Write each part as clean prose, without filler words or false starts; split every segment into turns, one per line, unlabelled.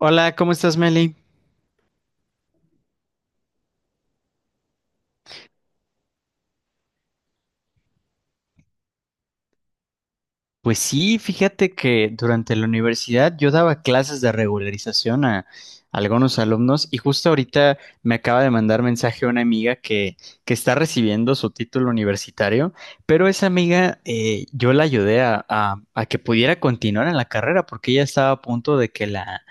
Hola, ¿cómo estás, Meli? Pues sí, fíjate que durante la universidad yo daba clases de regularización a algunos alumnos y justo ahorita me acaba de mandar mensaje una amiga que está recibiendo su título universitario, pero esa amiga yo la ayudé a que pudiera continuar en la carrera porque ella estaba a punto de que la,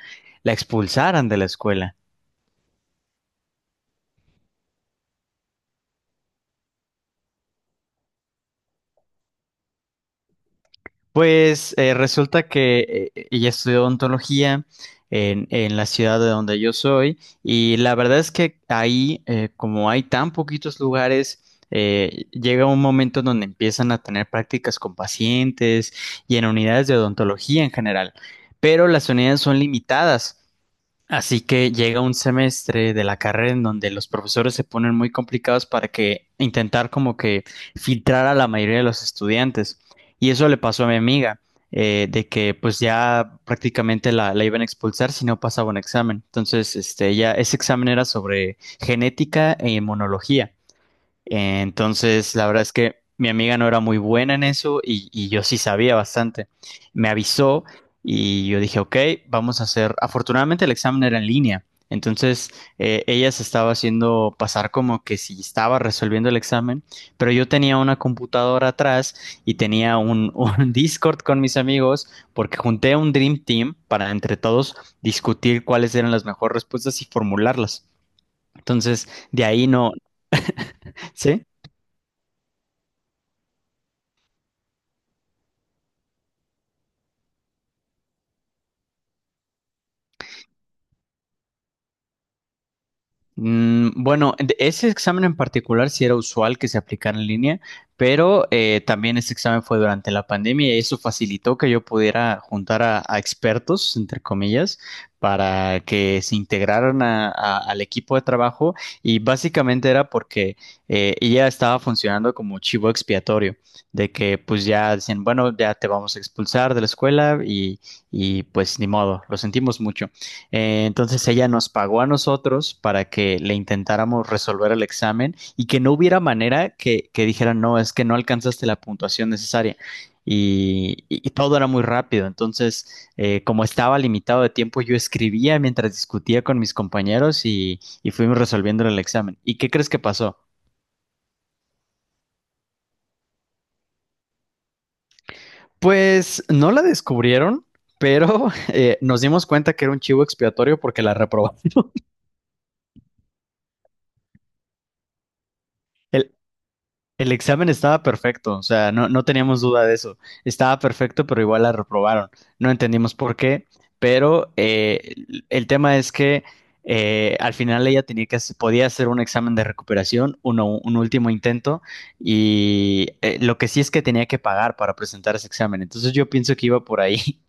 la expulsaran de la escuela. Pues resulta que ella estudió odontología en la ciudad de donde yo soy y la verdad es que ahí, como hay tan poquitos lugares, llega un momento en donde empiezan a tener prácticas con pacientes y en unidades de odontología en general, pero las unidades son limitadas. Así que llega un semestre de la carrera en donde los profesores se ponen muy complicados para que intentar como que filtrar a la mayoría de los estudiantes. Y eso le pasó a mi amiga, de que pues ya prácticamente la iban a expulsar si no pasaba un examen. Entonces, este, ella, ese examen era sobre genética e inmunología. Entonces, la verdad es que mi amiga no era muy buena en eso y yo sí sabía bastante. Me avisó y yo dije, ok, vamos a hacer. Afortunadamente el examen era en línea. Entonces, ella se estaba haciendo pasar como que si estaba resolviendo el examen, pero yo tenía una computadora atrás y tenía un, un Discord con mis amigos porque junté un Dream Team para entre todos discutir cuáles eran las mejores respuestas y formularlas. Entonces, de ahí no, ¿sí? Bueno, ese examen en particular sí era usual que se aplicara en línea, pero también ese examen fue durante la pandemia y eso facilitó que yo pudiera juntar a expertos, entre comillas, para que se integraran al equipo de trabajo y básicamente era porque ella estaba funcionando como chivo expiatorio, de que pues ya decían, bueno, ya te vamos a expulsar de la escuela y pues ni modo, lo sentimos mucho. Entonces ella nos pagó a nosotros para que le intentáramos resolver el examen y que no hubiera manera que dijeran, no, es que no alcanzaste la puntuación necesaria. Y todo era muy rápido. Entonces, como estaba limitado de tiempo, yo escribía mientras discutía con mis compañeros y fuimos resolviendo el examen. ¿Y qué crees que pasó? Pues no la descubrieron, pero nos dimos cuenta que era un chivo expiatorio porque la reprobó. El examen estaba perfecto, o sea, no teníamos duda de eso. Estaba perfecto, pero igual la reprobaron. No entendimos por qué, pero el tema es que al final ella podía hacer un examen de recuperación, uno, un último intento, y lo que sí es que tenía que pagar para presentar ese examen. Entonces yo pienso que iba por ahí.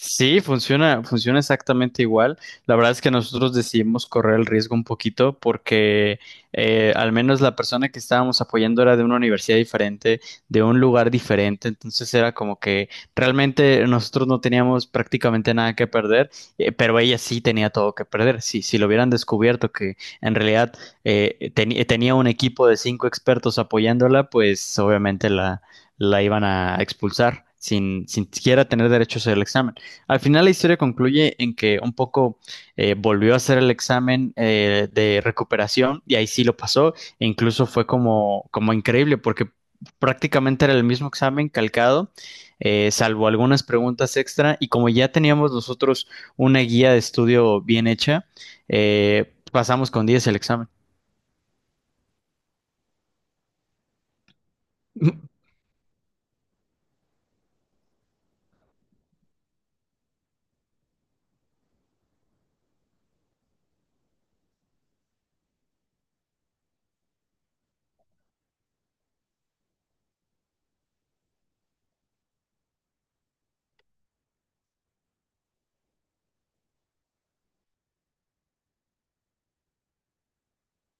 Sí, funciona, funciona exactamente igual. La verdad es que nosotros decidimos correr el riesgo un poquito porque al menos la persona que estábamos apoyando era de una universidad diferente, de un lugar diferente, entonces era como que realmente nosotros no teníamos prácticamente nada que perder, pero ella sí tenía todo que perder. Sí, si lo hubieran descubierto que en realidad tenía un equipo de cinco expertos apoyándola, pues obviamente la iban a expulsar sin siquiera tener derechos al examen. Al final la historia concluye en que un poco volvió a hacer el examen de recuperación y ahí sí lo pasó e incluso fue como increíble porque prácticamente era el mismo examen calcado, salvo algunas preguntas extra y como ya teníamos nosotros una guía de estudio bien hecha, pasamos con 10 el examen.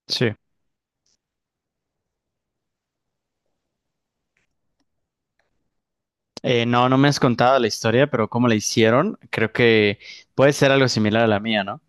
Sí. No, no me has contado la historia, pero cómo la hicieron, creo que puede ser algo similar a la mía, ¿no?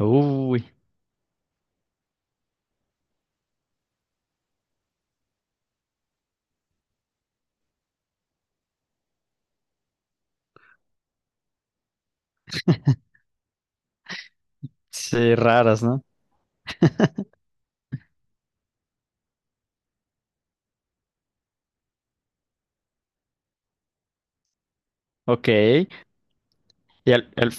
Uy, sí, raras, ¿no? Ok, y al- al-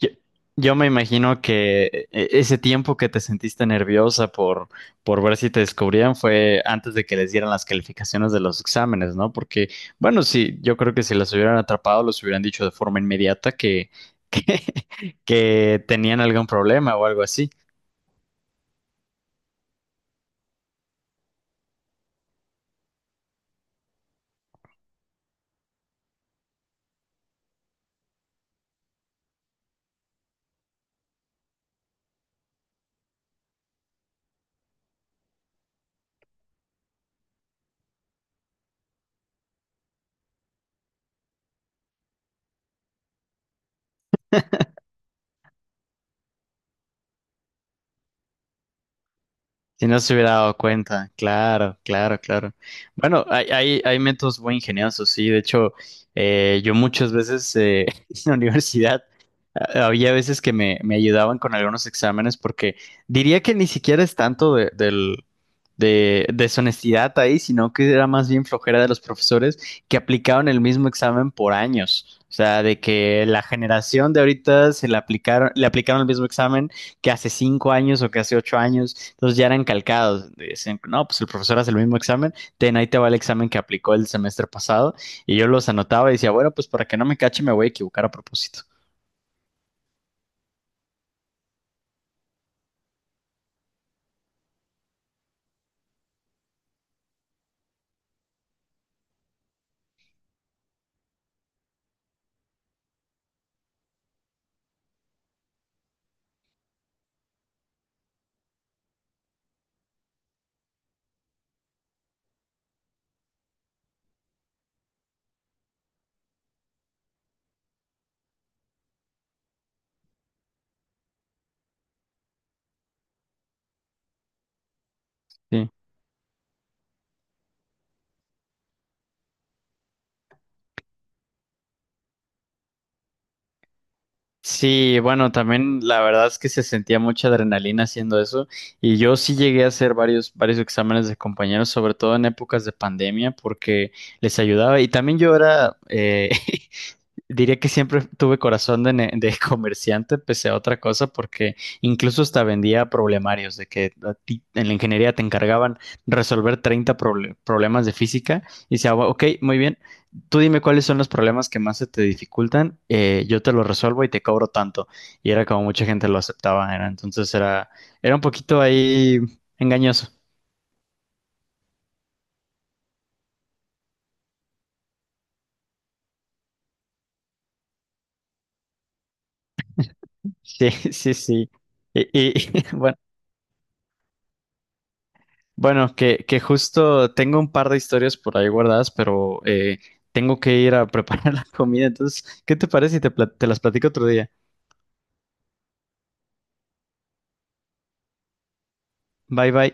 yo, yo me imagino que ese tiempo que te sentiste nerviosa por ver si te descubrían fue antes de que les dieran las calificaciones de los exámenes, ¿no? Porque, bueno, sí, yo creo que si los hubieran atrapado, los hubieran dicho de forma inmediata que, que tenían algún problema o algo así. Si no se hubiera dado cuenta, claro, claro, claro. Bueno, hay métodos muy ingeniosos, sí. De hecho, yo muchas veces en la universidad había veces que me ayudaban con algunos exámenes porque diría que ni siquiera es tanto de deshonestidad ahí, sino que era más bien flojera de los profesores que aplicaban el mismo examen por años. O sea, de que la generación de ahorita se le aplicaron el mismo examen que hace 5 años o que hace 8 años, entonces ya eran calcados. Dicen, no, pues el profesor hace el mismo examen, ten, ahí te va el examen que aplicó el semestre pasado, y yo los anotaba y decía, bueno, pues para que no me cache, me voy a equivocar a propósito. Sí. Sí, bueno, también la verdad es que se sentía mucha adrenalina haciendo eso y yo sí llegué a hacer varios, varios exámenes de compañeros, sobre todo en épocas de pandemia, porque les ayudaba y también yo era diría que siempre tuve corazón de comerciante, pese a otra cosa, porque incluso hasta vendía problemarios, de que a ti en la ingeniería te encargaban resolver 30 problemas de física y decía, "Bueno, ok, muy bien, tú dime cuáles son los problemas que más se te dificultan, yo te los resuelvo y te cobro tanto. Y era como mucha gente lo aceptaba, era un poquito ahí engañoso. Sí, sí, sí. Y, bueno. Bueno, que justo tengo un par de historias por ahí guardadas, pero tengo que ir a preparar la comida. Entonces, ¿qué te parece si te las platico otro día? Bye bye.